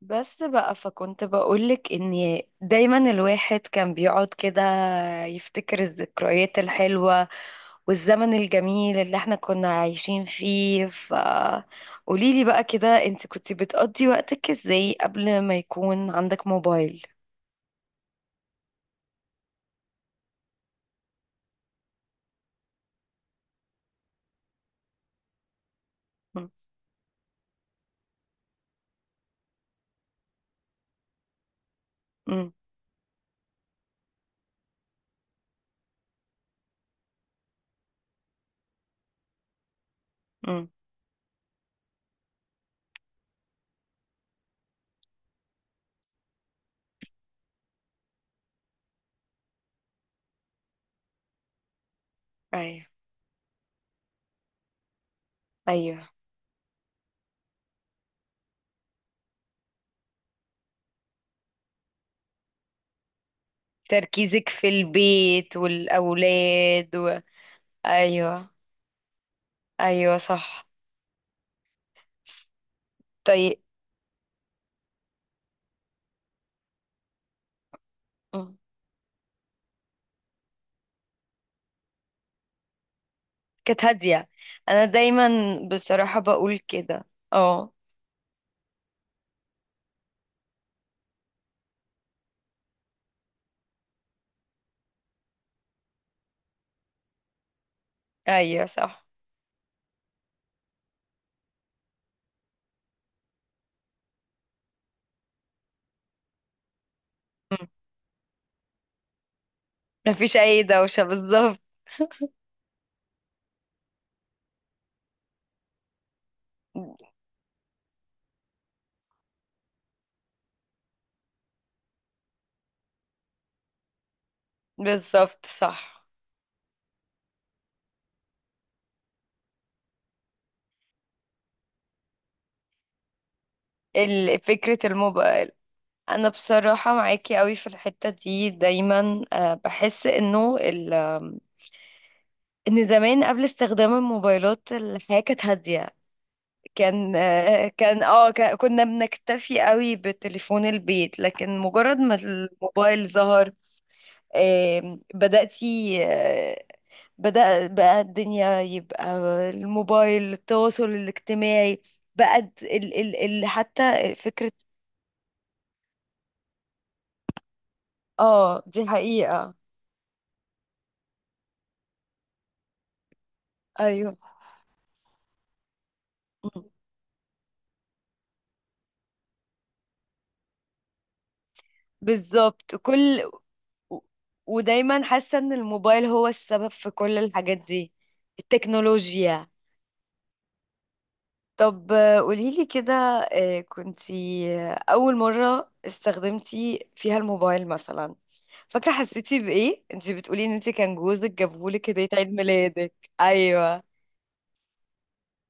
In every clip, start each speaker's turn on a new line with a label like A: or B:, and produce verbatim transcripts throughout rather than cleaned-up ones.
A: بس بقى، فكنت بقولك ان دايما الواحد كان بيقعد كده يفتكر الذكريات الحلوة والزمن الجميل اللي احنا كنا عايشين فيه. ف قوليلي بقى كده انت كنت بتقضي وقتك ازاي قبل ما يكون عندك موبايل؟ م- م- م. ايوه. ايوه، تركيزك في البيت والأولاد و... ايوه. ايوه صح. طيب. كانت هادية. انا دايما بصراحة بقول كده. اه. ايوه صح. مم. مفيش اي دوشة بالظبط. بالظبط صح. ال- فكرة الموبايل. انا بصراحة معاكي قوي في الحتة دي دايما، آه، بحس انه ال آم، ان زمان قبل استخدام الموبايلات الحياة كانت هادية. كان، آه، كان اه ك- كنا بنكتفي قوي بتليفون البيت، لكن مجرد ما الموبايل ظهر آم، بدأتي آه، بدأ بقى الدنيا، يبقى الموبايل، التواصل الاجتماعي، بقى ال ال ال حتى فكرة. اه دي حقيقة. ايوه بالظبط. كل، ودايما حاسة ان الموبايل هو السبب في كل الحاجات دي، التكنولوجيا. طب آه، قوليلي كده، آه، كنتي آه، أول مرة استخدمتي فيها الموبايل مثلا، فاكرة حسيتي بإيه؟ انتي بتقولي ان انتي كان جوزك جابهولك هدية عيد ميلادك. ايوه.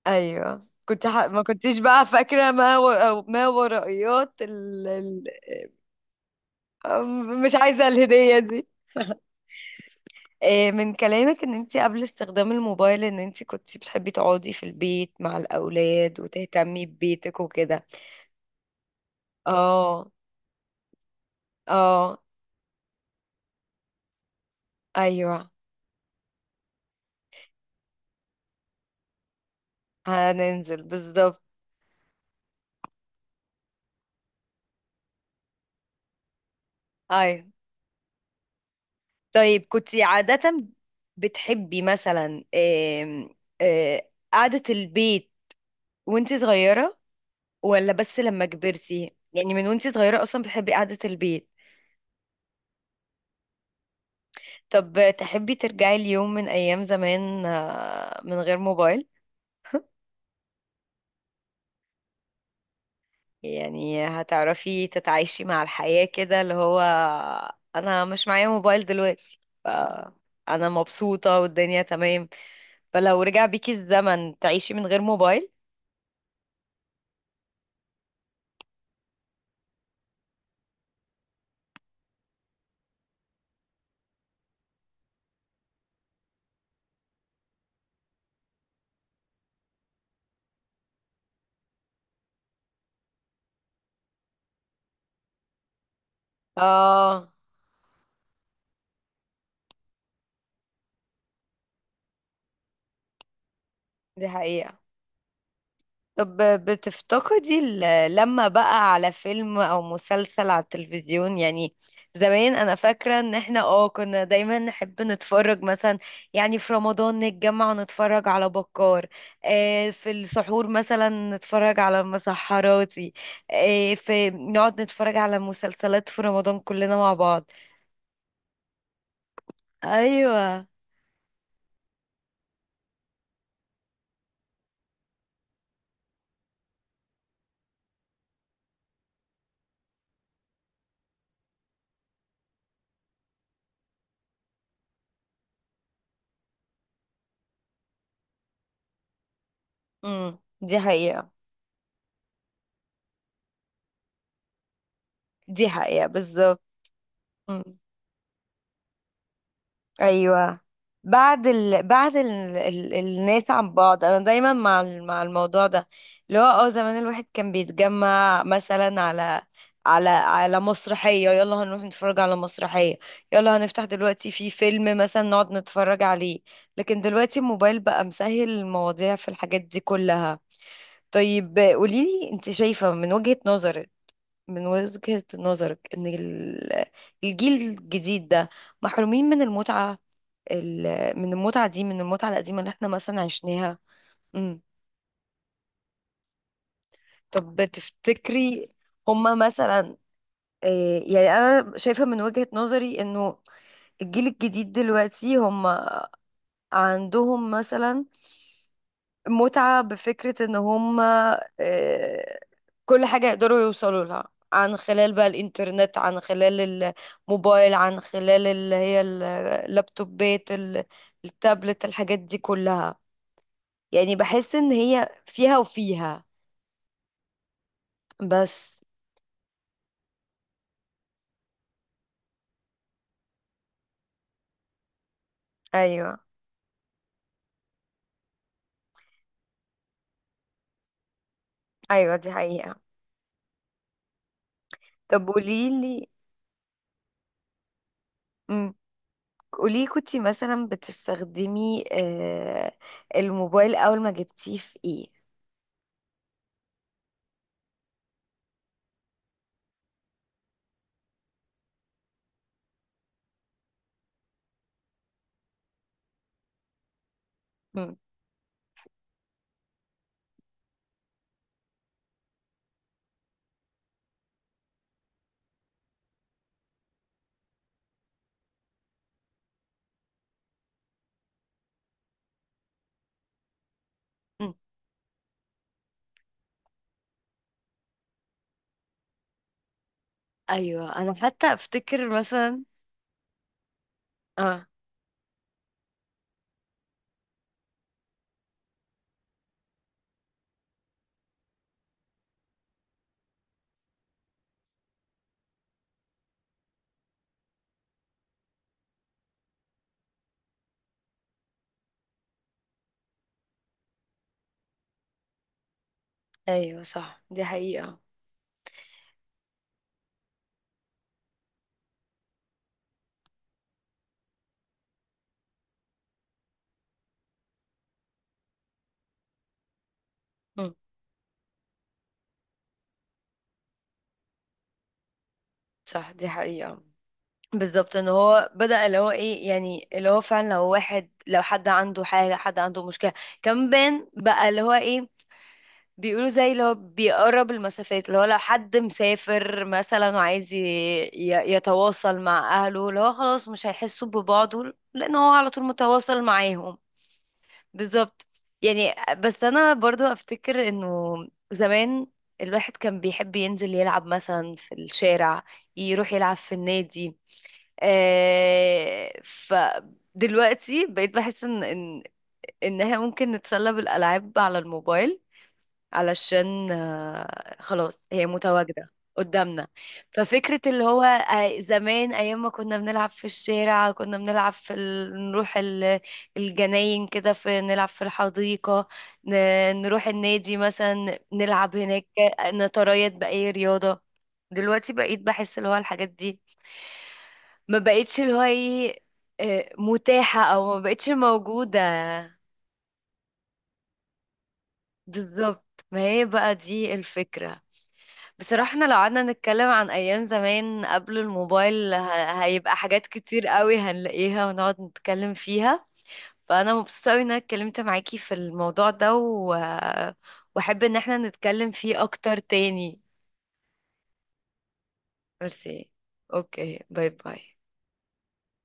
A: ايوه كنت ح... ما كنتيش بقى فاكرة ما و... ما ورائيات ال... ال... أم- مش عايزة الهدية دي. آه، من كلامك ان انتي قبل استخدام الموبايل ان انتي كنتي بتحبي تقعدي في البيت مع الأولاد وتهتمي ببيتك وكده. اه اه. ايوه هننزل بالظبط. ايوه. طيب كنت عادة بتحبي مثلا آم، آه، قعدة البيت وانت صغيرة، ولا بس لما كبرتي؟ يعني من وانت صغيرة اصلا بتحبي قعدة البيت؟ طب تحبي ترجعي اليوم من ايام زمان، آه، من غير موبايل؟ يعني هتعرفي تتعايشي مع الحياة كده، اللي هو انا مش معايا موبايل دلوقتي ف- انا مبسوطة والدنيا تمام؟ فلو رجع بيكي الزمن تعيشي من غير موبايل؟ اه دي حقيقة. طب بتفتقدي ال- لما بقى على فيلم او مسلسل على التلفزيون يعني؟ زمان انا فاكرة ان احنا اه كنا دايما نحب نتفرج مثلا يعني في رمضان نتجمع ونتفرج على بكار، آه في السحور مثلا نتفرج على مسحراتي، آه في نقعد نتفرج على مسلسلات في رمضان كلنا مع بعض. ايوه. امم دي حقيقة. دي حقيقة بالظبط. ايوه. بعد ال... بعد ال... ال... الناس عن بعض انا دايما مع ال- مع الموضوع ده، اللي هو اه زمان الواحد كان بيتجمع مثلا على على على مسرحية، يلا هنروح نتفرج على مسرحية، يلا هنفتح دلوقتي في فيلم مثلا نقعد نتفرج عليه. لكن دلوقتي الموبايل بقى مسهل المواضيع في الحاجات دي كلها. طيب قوليلي، انت شايفة من وجهة نظرك، من وجهة نظرك، ان ال- الجيل الجديد ده محرومين من المتعة، ال- من المتعة دي، من المتعة القديمة اللي احنا مثلا عشناها؟ امم. طب تفتكري هما مثلا، آه، يعني انا شايفة من وجهة نظري انه الجيل الجديد دلوقتي هما عندهم مثلا متعة بفكرة ان هما، آه، كل حاجة يقدروا يوصلوا لها عن خلال بقى الانترنت، عن خلال الموبايل، عن خلال اللي هي اللابتوبات ال- التابلت، الحاجات دي كلها. يعني بحس ان هي فيها وفيها، بس. ايوه. ايوه دي حقيقة. طب قوليلي، امم، قولي كنتي مثلا بتستخدمي آه الموبايل اول ما جبتيه في ايه؟ مم. مم. ايوه انا حتى افتكر مثلا، اه، ايوه صح دي حقيقة. مم. صح دي حقيقة بالظبط، ان هو بدأ اللي هو ايه، يعني اللي هو فعلا لو واحد، لو حد عنده حاجة، حد عنده مشكلة، كان بان بقى اللي هو ايه، بيقولوا زي اللي هو بيقرب المسافات، اللي هو لو حد مسافر مثلا وعايز ي- ي- يتواصل مع أهله، اللي هو خلاص مش هيحسوا ببعضه لأن هو على طول متواصل معاهم. بالظبط. يعني بس أنا برضو أفتكر إنه زمان الواحد كان بيحب ينزل يلعب مثلا في الشارع، يروح يلعب في النادي. آه فدلوقتي بقيت بحس إن إن إنها ممكن نتسلى بالألعاب على الموبايل، علشان آه، خلاص هي متواجدة قدامنا. ففكرة اللي هو، آه، زمان أيام ما كنا بنلعب في الشارع، كنا بنلعب في ال... نروح ال... الجناين كده، في نلعب في الحديقة، ن... نروح النادي مثلا نلعب هناك، نتريض بأي رياضة. دلوقتي بقيت بحس اللي هو الحاجات دي ما بقيتش اللي هو ايه، آه، متاحة، أو ما بقيتش موجودة. بالظبط، ما هي بقى دي الفكرة. بصراحة احنا لو قعدنا نتكلم عن أيام زمان قبل الموبايل، ه- هيبقى حاجات كتير قوي هنلاقيها ونقعد نتكلم فيها. فأنا مبسوطة قوي إن أنا اتكلمت معاكي في الموضوع ده، و... وأحب إن احنا نتكلم فيه أكتر تاني. ميرسي. أوكي، باي باي.